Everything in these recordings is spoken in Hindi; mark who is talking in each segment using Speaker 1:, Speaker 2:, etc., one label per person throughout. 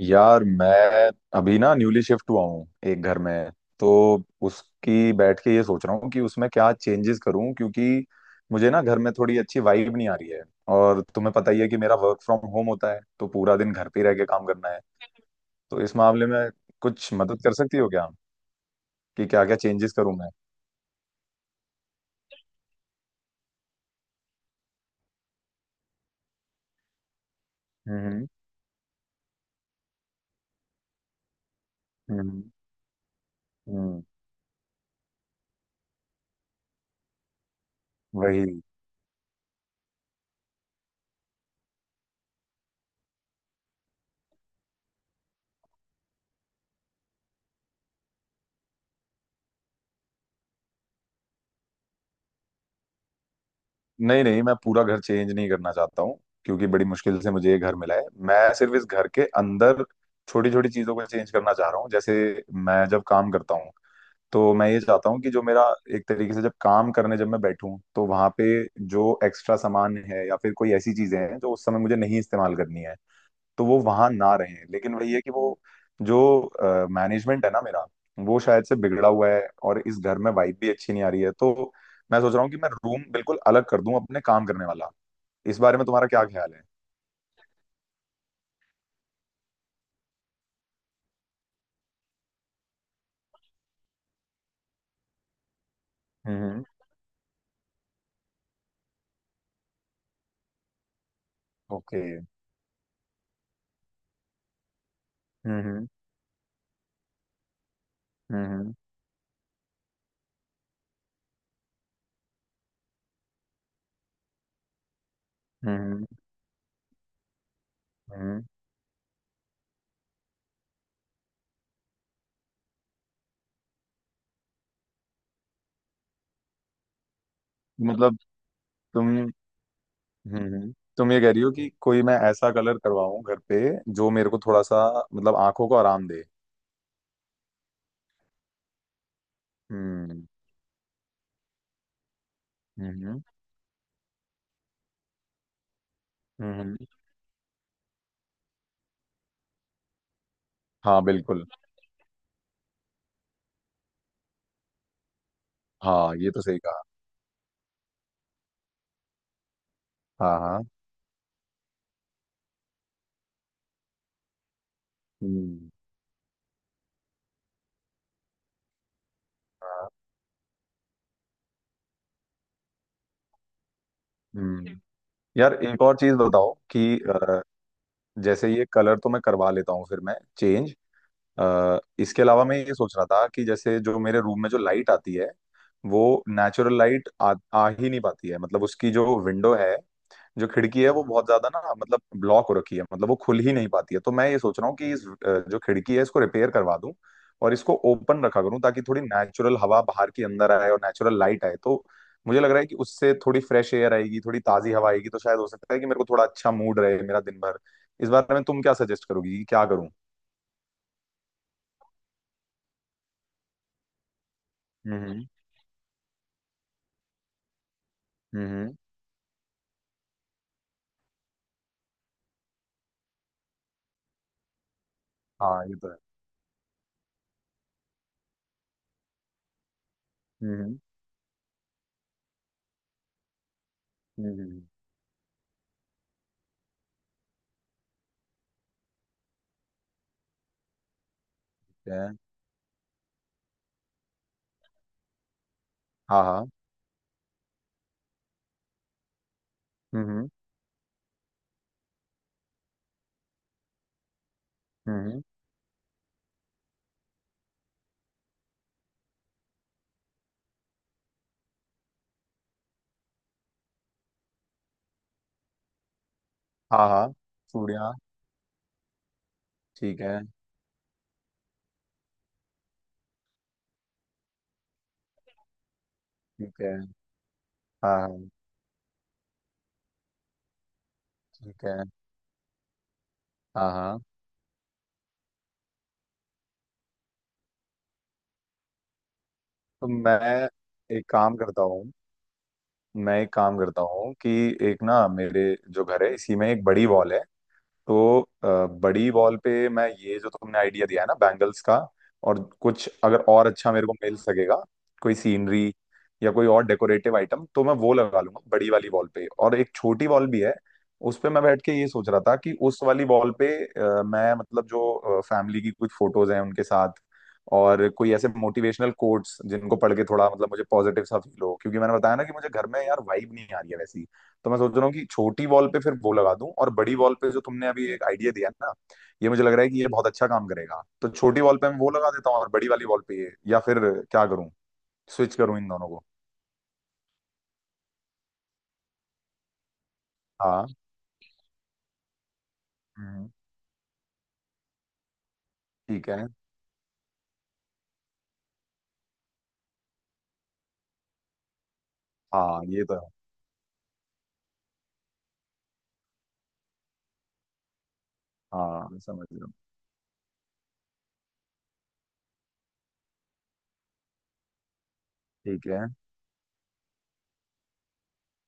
Speaker 1: यार मैं अभी ना न्यूली शिफ्ट हुआ हूँ एक घर में। तो उसकी बैठ के ये सोच रहा हूँ कि उसमें क्या चेंजेस करूँ, क्योंकि मुझे ना घर में थोड़ी अच्छी वाइब नहीं आ रही है। और तुम्हें पता ही है कि मेरा वर्क फ्रॉम होम होता है, तो पूरा दिन घर पे ही रह के काम करना है। तो इस मामले में कुछ मदद कर सकती हो क्या, कि क्या क्या चेंजेस करूँ मैं? हम्म। हम्म। हम्म। वही। नहीं नहीं, मैं पूरा घर चेंज नहीं करना चाहता हूँ, क्योंकि बड़ी मुश्किल से मुझे ये घर मिला है। मैं सिर्फ इस घर के अंदर छोटी छोटी चीजों को चेंज करना चाह रहा हूँ। जैसे, मैं जब काम करता हूँ तो मैं ये चाहता हूँ कि जो मेरा एक तरीके से, जब काम करने जब मैं बैठूं, तो वहां पे जो एक्स्ट्रा सामान है या फिर कोई ऐसी चीजें हैं जो उस समय मुझे नहीं इस्तेमाल करनी है, तो वो वहां ना रहे। लेकिन वही है कि वो, जो मैनेजमेंट है ना मेरा, वो शायद से बिगड़ा हुआ है। और इस घर में वाइब भी अच्छी नहीं आ रही है, तो मैं सोच रहा हूँ कि मैं रूम बिल्कुल अलग कर दूं, अपने काम करने वाला। इस बारे में तुम्हारा क्या ख्याल है? हम्म। ओके। हम्म। हम्म। हम्म। हम्म। हम्म। मतलब, तुम, हम्म, तुम ये कह रही हो कि कोई मैं ऐसा कलर करवाऊं घर पे जो मेरे को थोड़ा सा, मतलब आंखों को आराम दे? हम्म। हम्म। हम्म। हाँ बिल्कुल। हाँ ये तो सही कहा। हाँ हाँ। हम्म। हाँ। हम्म। यार एक और चीज बताओ कि जैसे ये कलर तो मैं करवा लेता हूँ, फिर मैं चेंज, इसके अलावा मैं ये सोच रहा था कि जैसे जो मेरे रूम में जो लाइट आती है, वो नेचुरल लाइट आ ही नहीं पाती है। मतलब, उसकी जो विंडो है, जो खिड़की है, वो बहुत ज्यादा ना, मतलब ब्लॉक हो रखी है। मतलब वो खुल ही नहीं पाती है। तो मैं ये सोच रहा हूँ कि इस जो खिड़की है, इसको रिपेयर करवा दूं, और इसको ओपन रखा करूँ, ताकि थोड़ी नेचुरल हवा बाहर की अंदर आए और नेचुरल लाइट आए। तो मुझे लग रहा है कि उससे थोड़ी फ्रेश एयर आएगी, थोड़ी ताजी हवा आएगी, तो शायद हो सकता है कि मेरे को थोड़ा अच्छा मूड रहे मेरा दिन भर। इस बारे में तुम क्या सजेस्ट करोगी कि क्या करूँ? हम्म। हम्म। हाँ ये तो है। हम्म। हम्म। हम्म। ठीक है। हाँ हाँ। हम्म। हम्म। हाँ हाँ। चूड़ियाँ। ठीक है। ठीक है। हाँ हाँ। ठीक है। हाँ हाँ। तो एक काम करता हूँ मैं एक काम करता हूँ कि एक ना, मेरे जो घर है इसी में एक बड़ी वॉल है। तो बड़ी बॉल पे मैं ये जो तुमने आइडिया दिया है ना बैंगल्स का, और कुछ अगर और अच्छा मेरे को मिल सकेगा, कोई सीनरी या कोई और डेकोरेटिव आइटम, तो मैं वो लगा लूंगा बड़ी वाली बॉल पे। और एक छोटी बॉल भी है, उस पे मैं बैठ के ये सोच रहा था कि उस वाली बॉल पे मैं, मतलब, जो फैमिली की कुछ फोटोज हैं उनके साथ, और कोई ऐसे मोटिवेशनल कोट्स जिनको पढ़ के थोड़ा, मतलब मुझे पॉजिटिव सा फील हो, क्योंकि मैंने बताया ना कि मुझे घर में यार वाइब नहीं आ रही है वैसी। तो मैं सोच रहा हूँ कि छोटी वॉल पे फिर वो लगा दूं, और बड़ी वॉल पे जो तुमने अभी एक आइडिया दिया है ना, ये मुझे लग रहा है कि ये बहुत अच्छा काम करेगा। तो छोटी वॉल पे मैं वो लगा देता हूँ, और बड़ी वाली वॉल पे ये, या फिर क्या करूँ, स्विच करूँ इन दोनों को? हाँ। हम्म। ठीक है। हाँ ये तो है। हाँ मैं समझ रहा हूँ। ठीक है।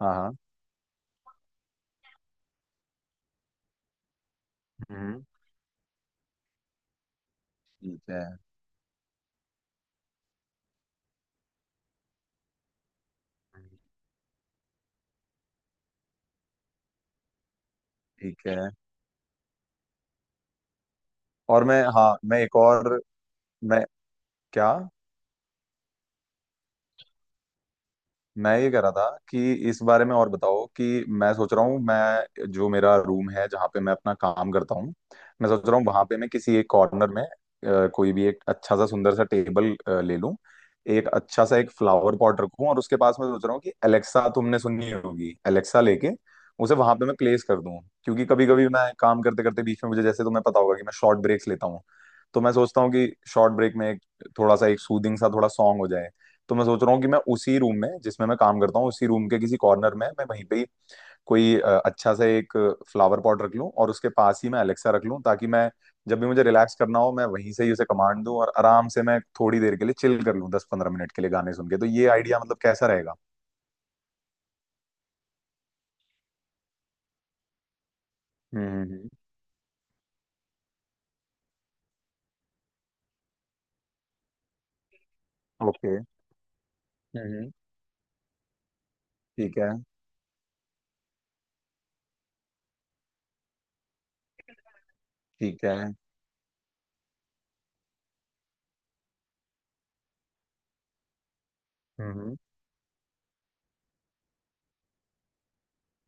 Speaker 1: हाँ हाँ। हम्म। ठीक है। ठीक है। और मैं, हाँ, मैं एक और, मैं, क्या? मैं ये कह रहा था कि इस बारे में और बताओ। कि मैं सोच रहा हूँ, मैं जो मेरा रूम है जहाँ पे मैं अपना काम करता हूँ, मैं सोच रहा हूँ वहां पे मैं किसी एक कॉर्नर में कोई भी एक अच्छा सा सुंदर सा टेबल ले लूँ। एक अच्छा सा एक फ्लावर पॉट रखूँ, और उसके पास मैं सोच रहा हूँ कि एलेक्सा, तुमने सुनी होगी एलेक्सा, लेके उसे वहां पे मैं प्लेस कर दूँ, क्योंकि कभी कभी मैं काम करते करते बीच में मुझे, जैसे तुम्हें पता होगा कि मैं शॉर्ट ब्रेक्स लेता हूँ, तो मैं सोचता हूँ कि शॉर्ट ब्रेक में एक थोड़ा सा एक सूदिंग सा थोड़ा सॉन्ग हो जाए। तो मैं सोच रहा हूँ कि मैं उसी रूम में जिसमें मैं काम करता हूँ, उसी रूम के किसी कॉर्नर में मैं वहीं पे ही कोई अच्छा सा एक फ्लावर पॉट रख लूँ, और उसके पास ही मैं अलेक्सा रख लूँ, ताकि मैं जब भी मुझे रिलैक्स करना हो, मैं वहीं से ही उसे कमांड दूं, और आराम से मैं थोड़ी देर के लिए चिल कर लूँ, 10-15 मिनट के लिए गाने सुन के। तो ये आइडिया, मतलब, कैसा रहेगा? हम्म। ओके। हम्म। ठीक है। ठीक है। हम्म।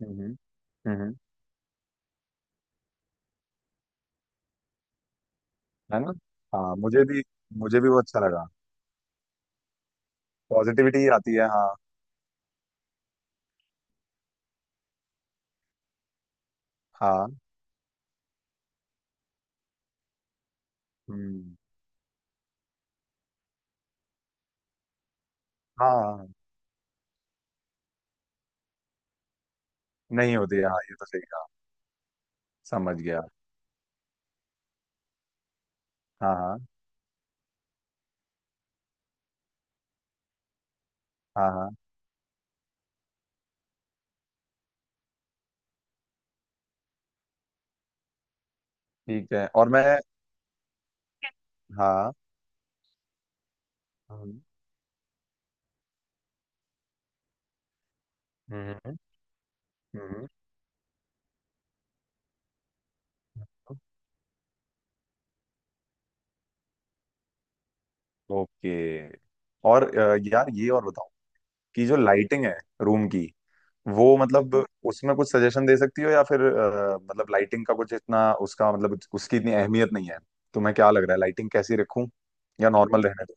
Speaker 1: हम्म। हम्म। है ना? हाँ मुझे भी। मुझे भी वो अच्छा लगा। पॉजिटिविटी आती है, हाँ। हाँ। हम्म। हाँ। नहीं होती है, हाँ ये तो सही कहा। समझ गया। हाँ हाँ। हाँ हाँ। ठीक है। और मैं, हाँ। हम्म। हम्म। हम्म। ओके। और यार, ये और बताओ कि जो लाइटिंग है रूम की, वो मतलब, उसमें कुछ सजेशन दे सकती हो? या फिर मतलब लाइटिंग का कुछ इतना उसका मतलब, उसकी इतनी अहमियत नहीं है? तुम्हें क्या लग रहा है, लाइटिंग कैसी रखूं, या नॉर्मल रहने दो?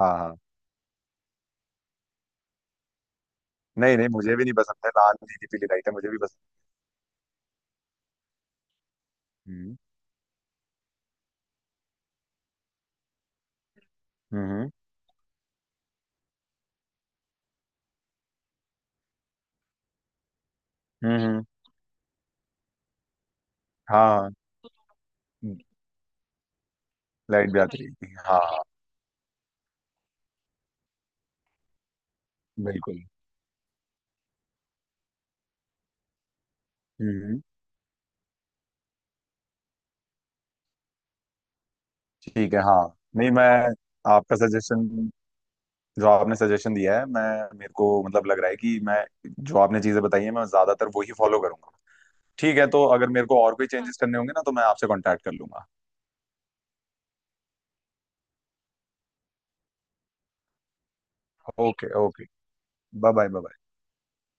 Speaker 1: हाँ हाँ। नहीं नहीं, मुझे भी नहीं पसंद है लाल नीली पीली लाइट है, मुझे भी पसंद। हम्म। हम्म। हम्म। हम्म। हाँ हाँ। हम्म। लाइट भी आती रहती है, हाँ हाँ। बिल्कुल। हम्म। हम्म। ठीक है। हाँ। नहीं, मैं, आपका सजेशन, जो आपने सजेशन दिया है, मैं, मेरे को मतलब लग रहा है कि मैं, जो आपने चीजें बताई हैं मैं ज्यादातर वो ही फॉलो करूंगा। ठीक है, तो अगर मेरे को और कोई चेंजेस करने होंगे ना, तो मैं आपसे कांटेक्ट कर लूंगा। Okay okay. Bye bye bye.